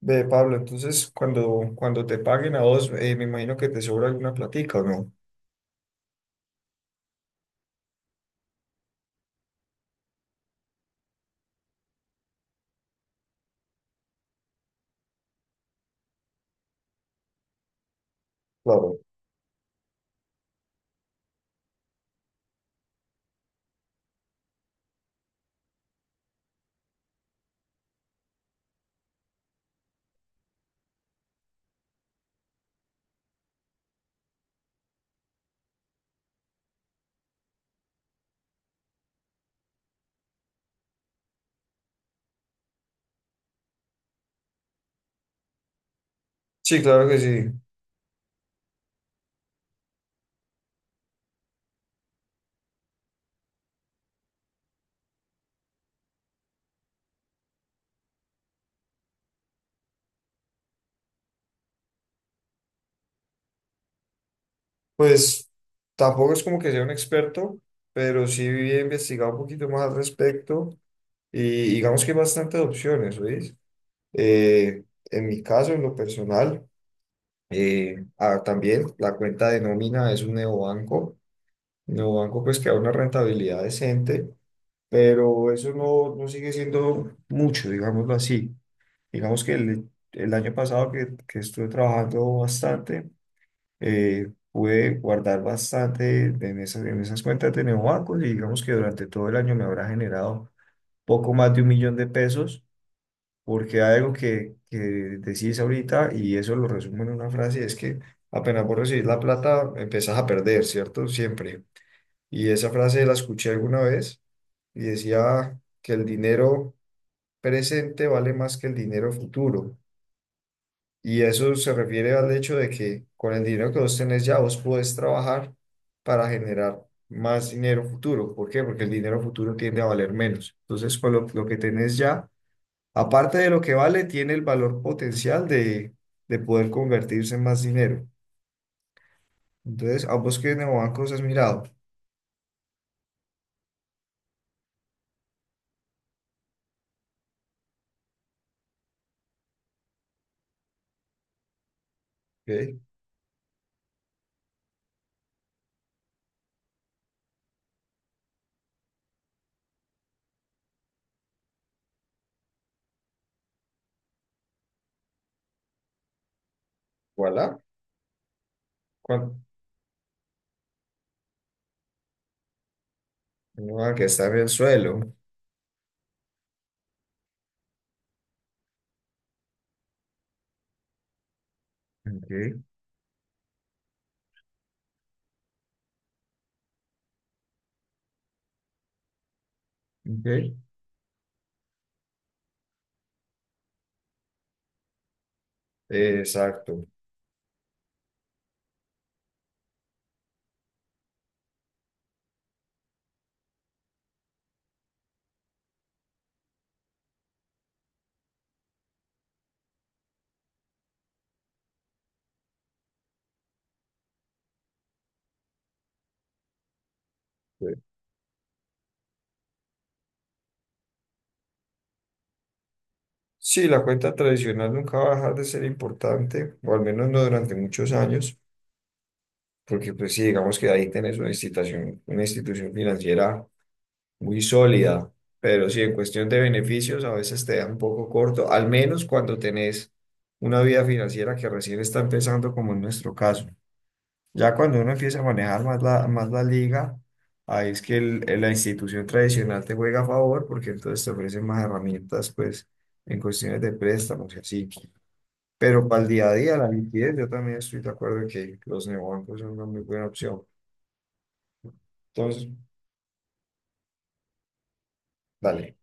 Ve, Pablo, entonces cuando te paguen a vos, me imagino que te sobra alguna platica, ¿o no? Claro. Sí, claro que sí. Pues tampoco es como que sea un experto, pero sí he investigado un poquito más al respecto y digamos que hay bastantes opciones, ¿oís? Eh, en mi caso, en lo personal, también la cuenta de nómina es un neobanco pues que da una rentabilidad decente, pero eso no sigue siendo mucho, digámoslo así. Digamos que el año pasado que estuve trabajando bastante, pude guardar bastante en esas cuentas de neobancos y digamos que durante todo el año me habrá generado poco más de un millón de pesos, porque hay algo que decís ahorita y eso lo resumo en una frase, es que apenas vos recibís la plata, empezás a perder, ¿cierto? Siempre. Y esa frase la escuché alguna vez y decía que el dinero presente vale más que el dinero futuro. Y eso se refiere al hecho de que con el dinero que vos tenés ya, vos podés trabajar para generar más dinero futuro. ¿Por qué? Porque el dinero futuro tiende a valer menos. Entonces, con lo que tenés ya, aparte de lo que vale, tiene el valor potencial de poder convertirse en más dinero. Entonces, ¿a vos qué neobancos has mirado? Ok, voilà. ¿Cuál? No, que está en el suelo. Ok, ok. Exacto. Ok. Sí, la cuenta tradicional nunca va a dejar de ser importante, o al menos no durante muchos años, porque pues sí, digamos que ahí tenés una institución financiera muy sólida, pero sí, en cuestión de beneficios a veces te da un poco corto, al menos cuando tenés una vida financiera que recién está empezando, como en nuestro caso. Ya cuando uno empieza a manejar más la liga, ahí es que la institución tradicional te juega a favor, porque entonces te ofrecen más herramientas, pues, en cuestiones de préstamos y así. Pero para el día a día, la liquidez, yo también estoy de acuerdo en que los neobancos son una muy buena opción. Entonces, dale.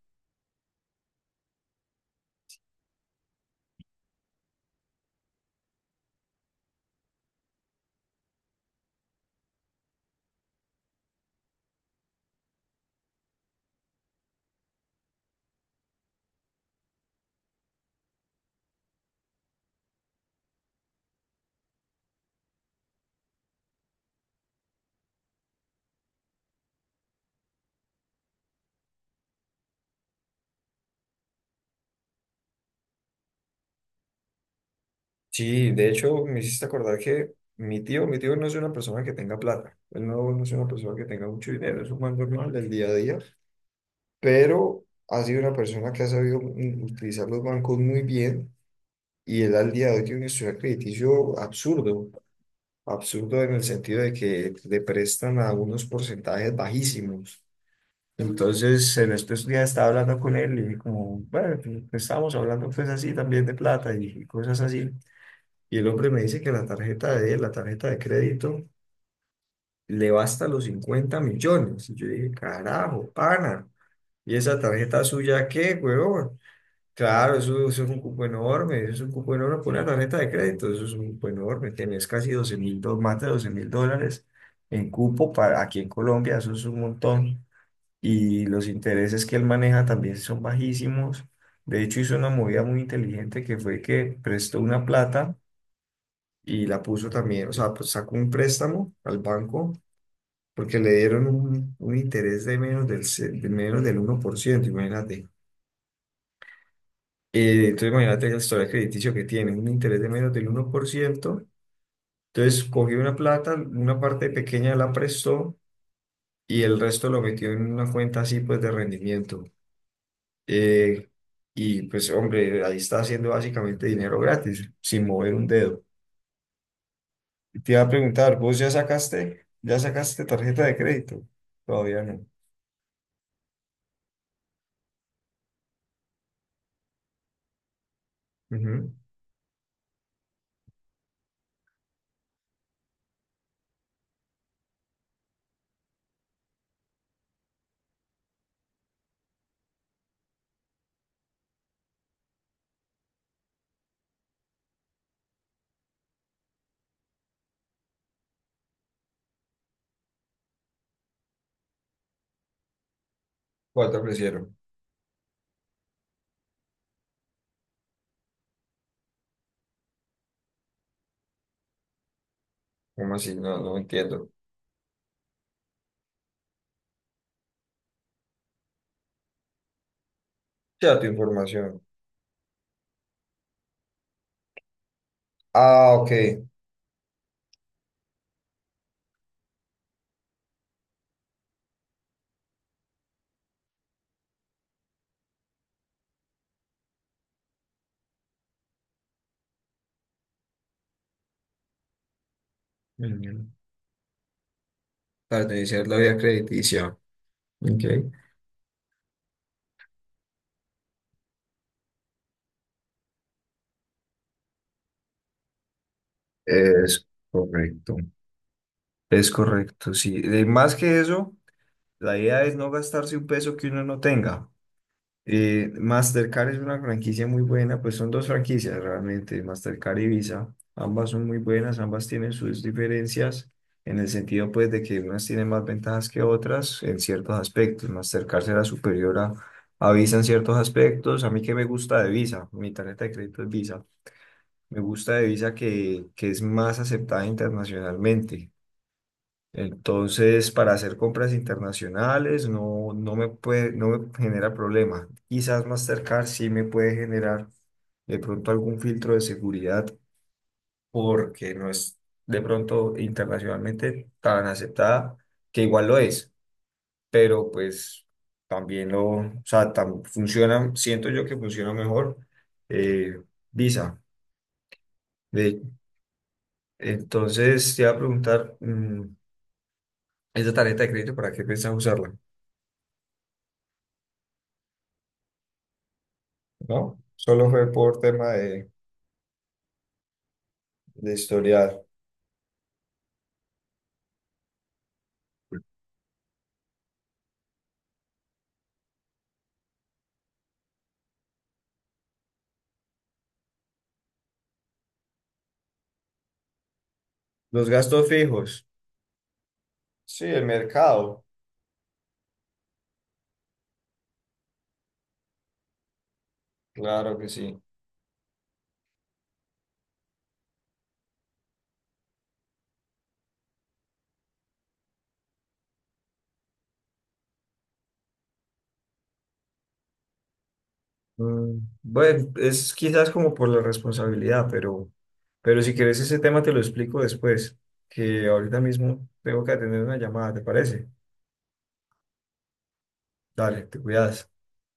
Sí, de hecho, me hiciste acordar que mi tío no es una persona que tenga plata. Él no, no es una persona que tenga mucho dinero, es un man normal del día a día. Pero ha sido una persona que ha sabido utilizar los bancos muy bien y él al día de hoy tiene un historial crediticio absurdo. Absurdo en el sentido de que le prestan a unos porcentajes bajísimos. Entonces, en estos días estaba hablando con él y dije como, bueno, pues, estábamos hablando pues así también de plata y cosas así. Y el hombre me dice que la tarjeta de él, la tarjeta de crédito, le basta los 50 millones. Y yo dije, carajo, pana, ¿y esa tarjeta suya qué, huevón? Claro, eso es un cupo enorme, eso es un cupo enorme por una tarjeta de crédito, eso es un cupo enorme, tenés casi 12.000, más de 12.000 dólares en cupo para aquí en Colombia, eso es un montón y los intereses que él maneja también son bajísimos. De hecho, hizo una movida muy inteligente que fue que prestó una plata y la puso también, o sea, pues sacó un préstamo al banco porque le dieron un interés de menos del 1%, imagínate. Entonces, imagínate la historia crediticio que tiene, un interés de menos del 1%. Entonces, cogió una plata, una parte pequeña la prestó y el resto lo metió en una cuenta así, pues, de rendimiento. Eh, y pues, hombre, ahí está haciendo básicamente dinero gratis, sin mover un dedo. Y te iba a preguntar, ¿vos ya sacaste tarjeta de crédito? Todavía no. Ujú. ¿Cuál te ofrecieron? ¿Cómo así? No, no entiendo. Ya tu información. Ah, ok. Ujú. Para iniciar la vía crediticia. Ok. Es correcto. Es correcto, sí. Más que eso, la idea es no gastarse un peso que uno no tenga. Mastercard es una franquicia muy buena, pues son dos franquicias realmente, Mastercard y Visa. Ambas son muy buenas, ambas tienen sus diferencias en el sentido pues de que unas tienen más ventajas que otras en ciertos aspectos. Mastercard será superior a Visa en ciertos aspectos. A mí que me gusta de Visa, mi tarjeta de crédito es Visa. Me gusta de Visa que es más aceptada internacionalmente. Entonces, para hacer compras internacionales no, no me puede, no me genera problema. Quizás Mastercard sí me puede generar de pronto algún filtro de seguridad porque no es de pronto internacionalmente tan aceptada, que igual lo es, pero pues también lo, o sea, funciona, siento yo que funciona mejor eh, Visa. De, entonces, te iba a preguntar, ¿esa tarjeta de crédito para qué piensas usarla? No, solo fue por tema de historial. Los gastos fijos. Sí, el mercado, claro que sí. Bueno, es quizás como por la responsabilidad, pero si quieres ese tema te lo explico después, que ahorita mismo tengo que atender una llamada, ¿te parece? Dale, te cuidas.